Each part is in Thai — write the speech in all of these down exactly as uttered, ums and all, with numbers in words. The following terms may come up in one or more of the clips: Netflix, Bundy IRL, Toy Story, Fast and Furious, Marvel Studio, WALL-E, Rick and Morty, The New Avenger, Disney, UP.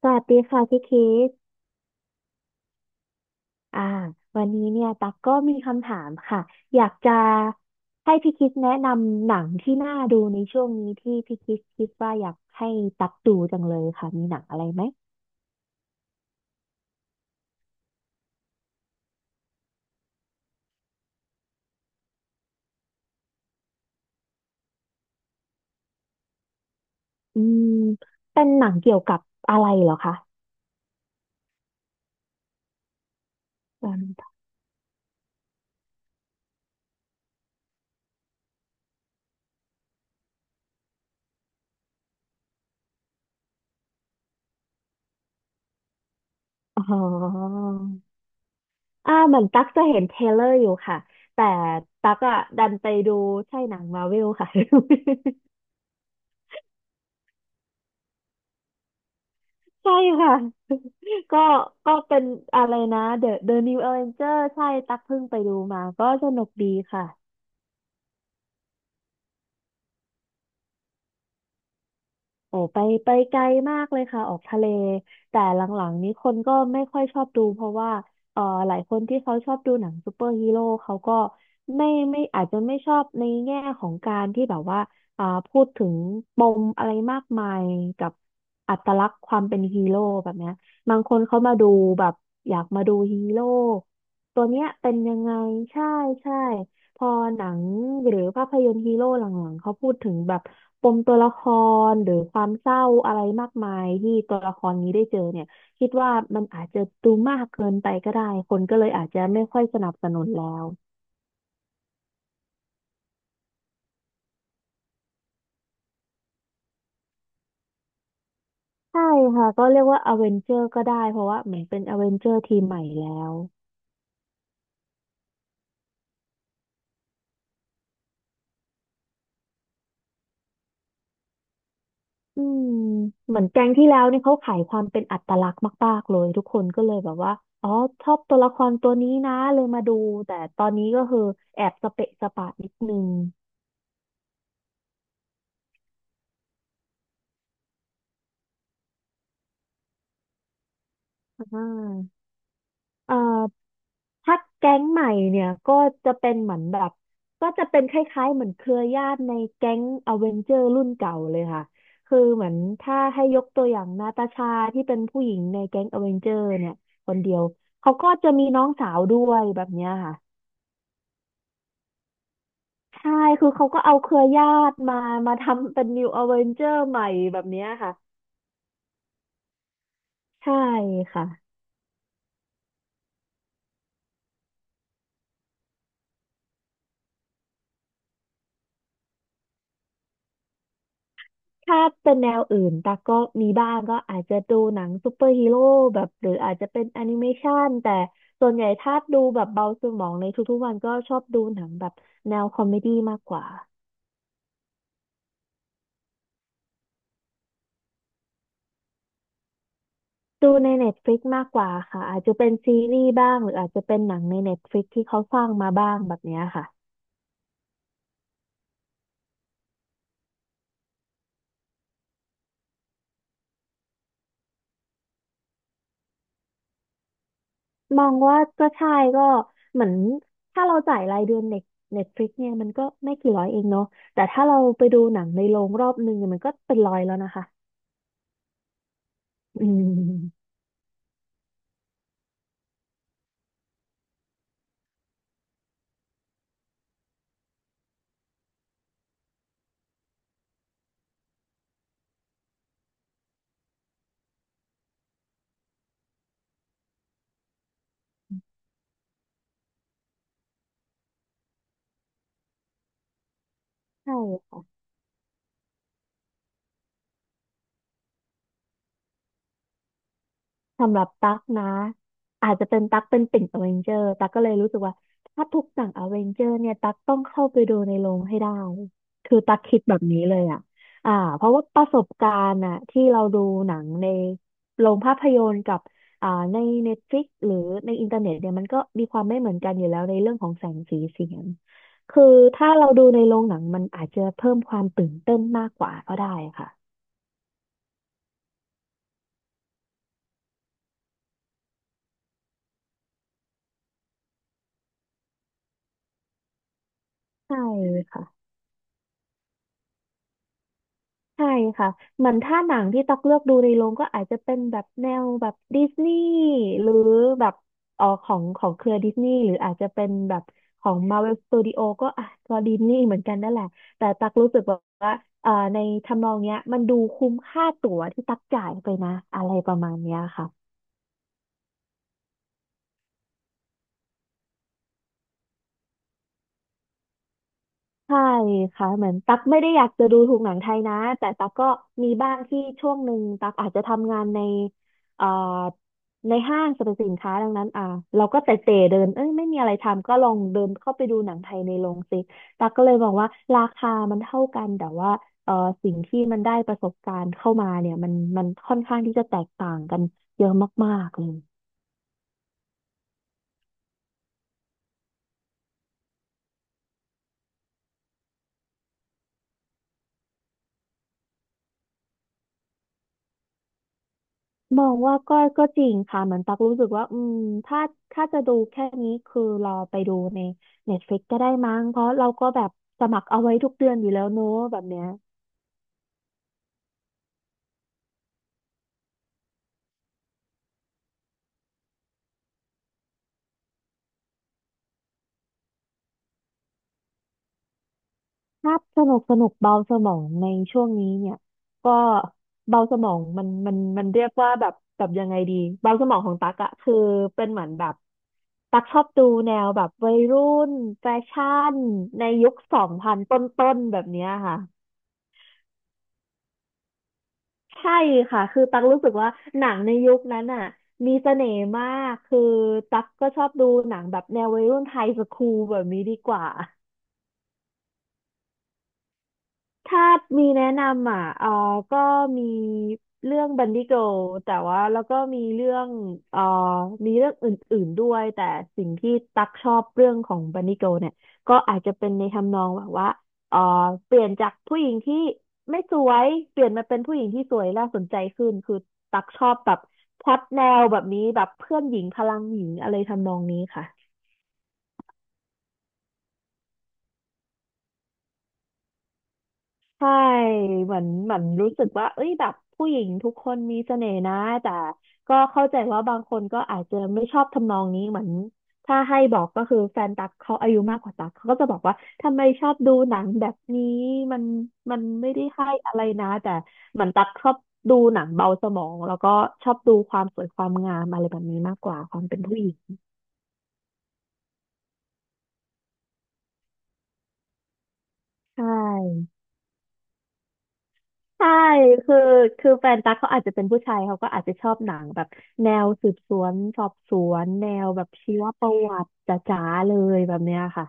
สวัสดีค่ะพี่คิดอ่าวันนี้เนี่ยตักก็มีคำถามค่ะอยากจะให้พี่คิดแนะนำหนังที่น่าดูในช่วงนี้ที่พี่คิดคิดว่าอยากให้ตักดูจังเลยค่ะมีหนังอะไรไหมอืมเป็นหนังเกี่ยวกับอะไรเหรอคะอืมอ๋ออ่าเหมือนตั๊กจะเห็นเทรลเลอร์อยู่ค่ะแต่ตั๊กอะดันไปดูใช่หนังมาร์เวลค่ะ ใช่ค่ะ ก็ก็เป็นอะไรนะ The The New Avenger ใช่ตักเพิ่งไปดูมาก็สนุกดีค่ะ โอ้ไปไปไกลมากเลยค่ะออกทะเลแต่หลังๆนี้คนก็ไม่ค่อยชอบดูเพราะว่าเอ่อหลายคนที่เขาชอบดูหนังซูเปอร์ฮีโร่เขาก็ไม่ไม่อาจจะไม่ชอบในแง่ของการที่แบบว่าอ่าพูดถึงปมอะไรมากมายกับอัตลักษณ์ความเป็นฮีโร่แบบเนี้ยบางคนเขามาดูแบบอยากมาดูฮีโร่ตัวเนี้ยเป็นยังไงใช่ใช่ พอหนังหรือภาพยนตร์ฮีโร่หลังๆเขาพูดถึงแบบปมตัวละครหรือความเศร้าอะไรมากมายที่ตัวละครนี้ได้เจอเนี่ยคิดว่ามันอาจจะดูมากเกินไปก็ได้คนก็เลยอาจจะไม่ค่อยสนับสนุนแล้วใช่ค่ะก็เรียกว่าอเวนเจอร์ก็ได้เพราะว่าเหมือนเป็นอเวนเจอร์ทีมใหม่แล้วอืมเหมือนแก๊งที่แล้วนี่เขาขายความเป็นอัตลักษณ์มากๆเลยทุกคนก็เลยแบบว่าอ๋อชอบตัวละครตัวนี้นะเลยมาดูแต่ตอนนี้ก็คือแอบสเปะสปะนิดนึง อ่าอ่าถ้าแก๊งใหม่เนี่ยก็จะเป็นเหมือนแบบก็จะเป็นคล้ายๆเหมือนเครือญาติในแก๊งอเวนเจอร์รุ่นเก่าเลยค่ะคือเหมือนถ้าให้ยกตัวอย่างนาตาชาที่เป็นผู้หญิงในแก๊งอเวนเจอร์เนี่ยคนเดียวเขาก็จะมีน้องสาวด้วยแบบเนี้ยค่ะใช่คือเขาก็เอาเครือญาติมามาทำเป็นนิวอเวนเจอร์ใหม่แบบเนี้ยค่ะใช่ค่ะ ถ้าเป็นแนวอื่นตาก็มีบ้างก็อาจจะดูหนังซูเปอร์ฮีโร่แบบหรืออาจจะเป็นแอนิเมชันแต่ส่วนใหญ่ถ้าดูแบบเบาสมองในทุกๆวันก็ชอบดูหนังแบบแนวคอมเมดี้มากกว่าดูใน Netflix มากกว่าค่ะอาจจะเป็นซีรีส์บ้างหรืออาจจะเป็นหนังใน Netflix ที่เขาสร้างมาบ้างแบบเนี้ยค่ะมองว่าก็ใช่ก็เหมือนถ้าเราจ่ายรายเดือนเน็ตเน็ตฟลิกเนี่ยมันก็ไม่กี่ร้อยเองเนาะแต่ถ้าเราไปดูหนังในโรงรอบนึงเนี่ยมันก็เป็นร้อยแล้วนะคะอืม ใช่ค่ะสำหรับตั๊กนะอาจจะเป็นตั๊กเป็นติ่งอเวนเจอร์ตั๊กก็เลยรู้สึกว่าถ้าทุกหนังอเวนเจอร์เนี่ยตั๊กต้องเข้าไปดูในโรงให้ได้คือตั๊กคิดแบบนี้เลยอ่ะอ่าเพราะว่าประสบการณ์อ่ะที่เราดูหนังในโรงภาพยนตร์กับอ่าในเน็ตฟลิกหรือในอินเทอร์เน็ตเนี่ยมันก็มีความไม่เหมือนกันอยู่แล้วในเรื่องของแสงสีเสียงคือถ้าเราดูในโรงหนังมันอาจจะเพิ่มความตื่นเต้นมากกว่าก็ได้ค่ะใช่ค่ะ ใช่ค่ะเหมือนถ้าหนังที่ตักเลือกดูในโรงก็อาจจะเป็นแบบแนวแบบดิสนีย์หรือแบบเอ๋อของของเครือดิสนีย์หรืออาจจะเป็นแบบของ Marvel Studio ก็อ่ะก็ดิสนีย์เหมือนกันนั่นแหละแต่ตักรู้สึกแบบว่าเอ่อในทำนองเนี้ยมันดูคุ้มค่าตั๋วที่ตักจ่ายไปนะอะไรประมาณเนี้ยค่ะ ใช่ค่ะเหมือนตั๊กไม่ได้อยากจะดูถูกหนังไทยนะแต่ตั๊กก็มีบ้างที่ช่วงหนึ่งตั๊กอาจจะทำงานในเอ่อในห้างสรรพสินค้าดังนั้นอ่าเราก็เตะเตะเดินเอ้ยไม่มีอะไรทำก็ลองเดินเข้าไปดูหนังไทยในโรงสิตั๊กก็เลยมองว่าราคามันเท่ากันแต่ว่าเอ่อสิ่งที่มันได้ประสบการณ์เข้ามาเนี่ยมันมันค่อนข้างที่จะแตกต่างกันเยอะมากๆเลย มองว่าก็ก็จริงค่ะเหมือนตักรู้สึกว่าอืมถ้าถ้าจะดูแค่นี้คือรอไปดูใน Netflix ก็ได้มั้งเพราะเราก็แบบสมัครเอาไว้ทุกเดือนอยู่แล้วเนอะแบบเนี้ยถ้าพสนุกสนุกเบาสมองในช่วงนี้เนี่ยก็เบาสมองมันมันมันเรียกว่าแบบแบบยังไงดีเบาสมองของตักอะคือเป็นเหมือนแบบตักชอบดูแนวแบบวัยรุ่นแฟชั่นในยุคสองพันต้นๆแบบเนี้ยค่ะ ใช่ค่ะ คือตั๊กรู้สึกว่าหนังในยุคนั้นอ่ะมีเสน่ห์มาก คือตั๊กก็ชอบดูหนังแบบแนววัยรุ่นไทยสคูลแบบนี้ดีกว่า ถ้ามีแนะนำอ่ะเออก็มีเรื่องบันดี้ i r l แต่ว่าแล้วก็มีเรื่องเออมีเรื่องอื่นๆด้วย แต่สิ่งที่ตักชอบเรื่องของบันดี้ i r l เนี่ยก็อาจจะเป็นในทำนองแบบว่าเออเปลี่ยนจากผู้หญิงที่ไม่สวย เปลี่ยนมาเป็นผู้หญิงที่สวยน่าสนใจขึ้นคือตักชอบแบบพล็อตแนวแบบนี้แบบเพื่อนหญิงพลังหญิงอะไรทำนองนี้ค่ะ ใช่เหมือนเหมือนรู้สึกว่าเอ้ยแบบผู้หญิงทุกคนมีเสน่ห์นะแต่ก็เข้าใจว่าบางคนก็อาจจะไม่ชอบทำนองนี้เหมือนถ้าให้บอกก็คือแฟนตั๊กเขาอายุมากกว่าตั๊กเขาก็จะบอกว่าทำไมชอบดูหนังแบบนี้มันมันไม่ได้ให้อะไรนะแต่เหมือนตั๊กชอบดูหนังเบาสมองแล้วก็ชอบดูความสวยความงามอะไรแบบนี้มากกว่าความเป็นผู้หญิงใช่ ใช่คือคือแฟนตั๊กเขาอาจจะเป็นผู้ชายเขาก็อาจจะชอบหนังแบบแนวสืบสวนสอบสวนแนวแบบชีวประวัติจ๋าๆเลยแบบเนี้ยค่ะ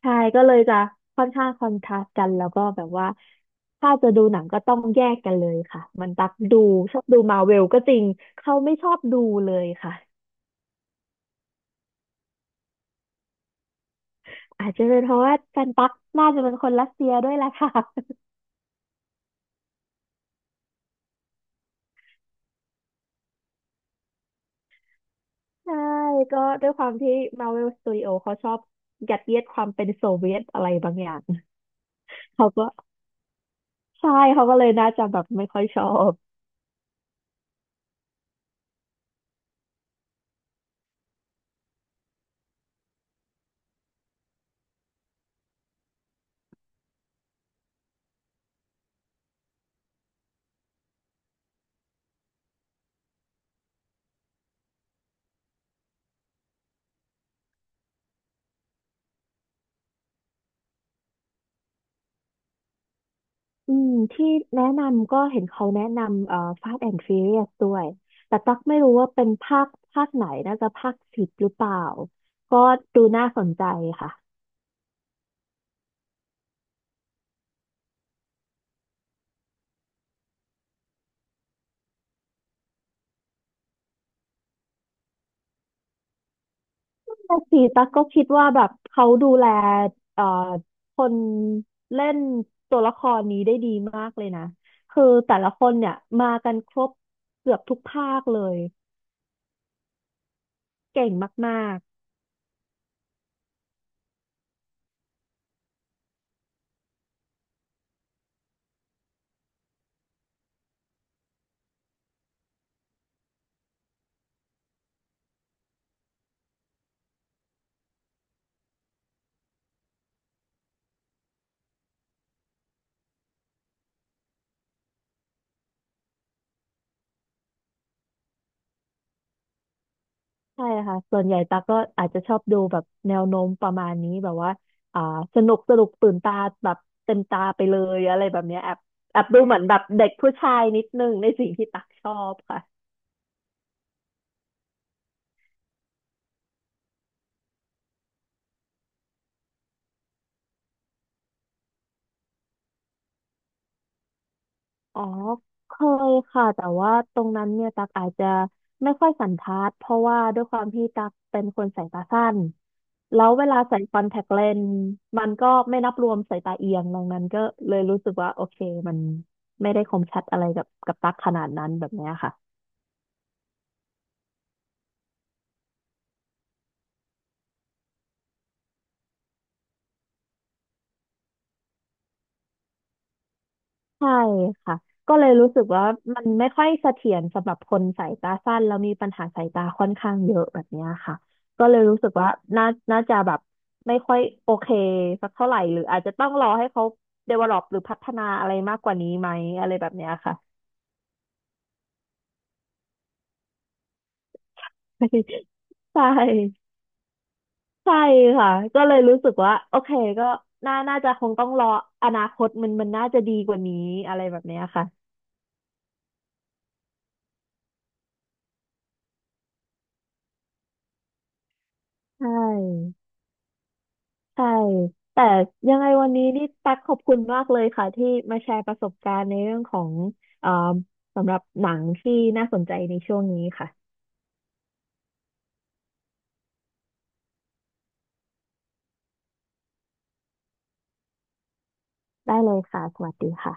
ใช่ก็เลยจะค่อนข้างคอนทราสต์กันแล้วก็แบบว่าถ้าจะดูหนังก็ต้องแยกกันเลยค่ะ มันตักดูชอบดูมาเวลก็จริงเขาไม่ชอบดูเลยค่ะอาจจะเป็นเพราะว่าแฟนตักน่าจะเป็นคนรัสเซียด้วยแหละค่ะใช่ก็ด้วยความที่ Marvel Studio เขาชอบยัดเยียดความเป็นโซเวียตอะไรบางอย่าง เขาก็ใช่เขาก็เลยน่าจะแบบไม่ค่อยชอบอืมที่แนะนำก็เห็นเขาแนะนำเอ่อ Fast and Furious ด้วยแต่ตั๊กไม่รู้ว่าเป็นภาคภาคไหนน่าจะภาคสิบหรือเปล่าก็ดูน่าสนใจค่ะภาคสี่ตั๊กก็คิดว่าแบบเขาดูแลเอ่อคนเล่นตัวละครนี้ได้ดีมากเลยนะคือแต่ละคนเนี่ยมากันครบเกือบทุกภาคเลยเก่งมากๆ ใช่ค่ะส่วนใหญ่ตักก็อาจจะชอบดูแบบแนวโน้มประมาณนี้แบบว่าอ่าสนุกสนุกตื่นตาแบบเต็มตาไปเลยอะไรแบบเนี้ยแอบแอบดูเหมือนแบบเด็กผู้ชายนิดนึงในสิ่งที่ตักชอบค่ะอ๋อเคยค่ะแต่ว่าตรงนั้นเนี่ยตักอาจจะไม่ค่อยสันทัดเพราะว่าด้วยความที่ตักเป็นคนสายตาสั้นแล้วเวลาใส่คอนแทคเลนส์มันก็ไม่นับรวมสายตาเอียงดังนั้นก็เลยรู้สึกว่าโอเคมันไม่ได้คมชัดอะไรกับกับตักขนาดนั้นแบบเนี้ยค่ะ ใช่ค่ะก็เลยรู้สึกว่ามันไม่ค่อยเสถียรสำหรับคนสายตาสั้นแล้วมีปัญหาสายตาค่อนข้างเยอะแบบเนี้ยค่ะก็เลยรู้สึกว่าน่าน่าจะแบบไม่ค่อยโอเคสักเท่าไหร่หรืออาจจะต้องรอให้เขา develop หรือพัฒนาอะไรมากกว่านี้ไหมอะไรแบบเนี้ยค่ะ ใช่ใช่ค่ะก็เลยรู้สึกว่าโอเคก็น่าน่าจะคงต้องรออนาคตมันมันน่าจะดีกว่านี้อะไรแบบเนี้ยค่ะใช่ ใช่แต่ยังไงวันนี้นี่ตักขอบคุณมากเลยค่ะที่มาแชร์ประสบการณ์ในเรื่องของเอ่อสำหรับหนังที่น่าสนใจในช่วงนี้ค่ะได้เลยค่ะสวัสดีค่ะ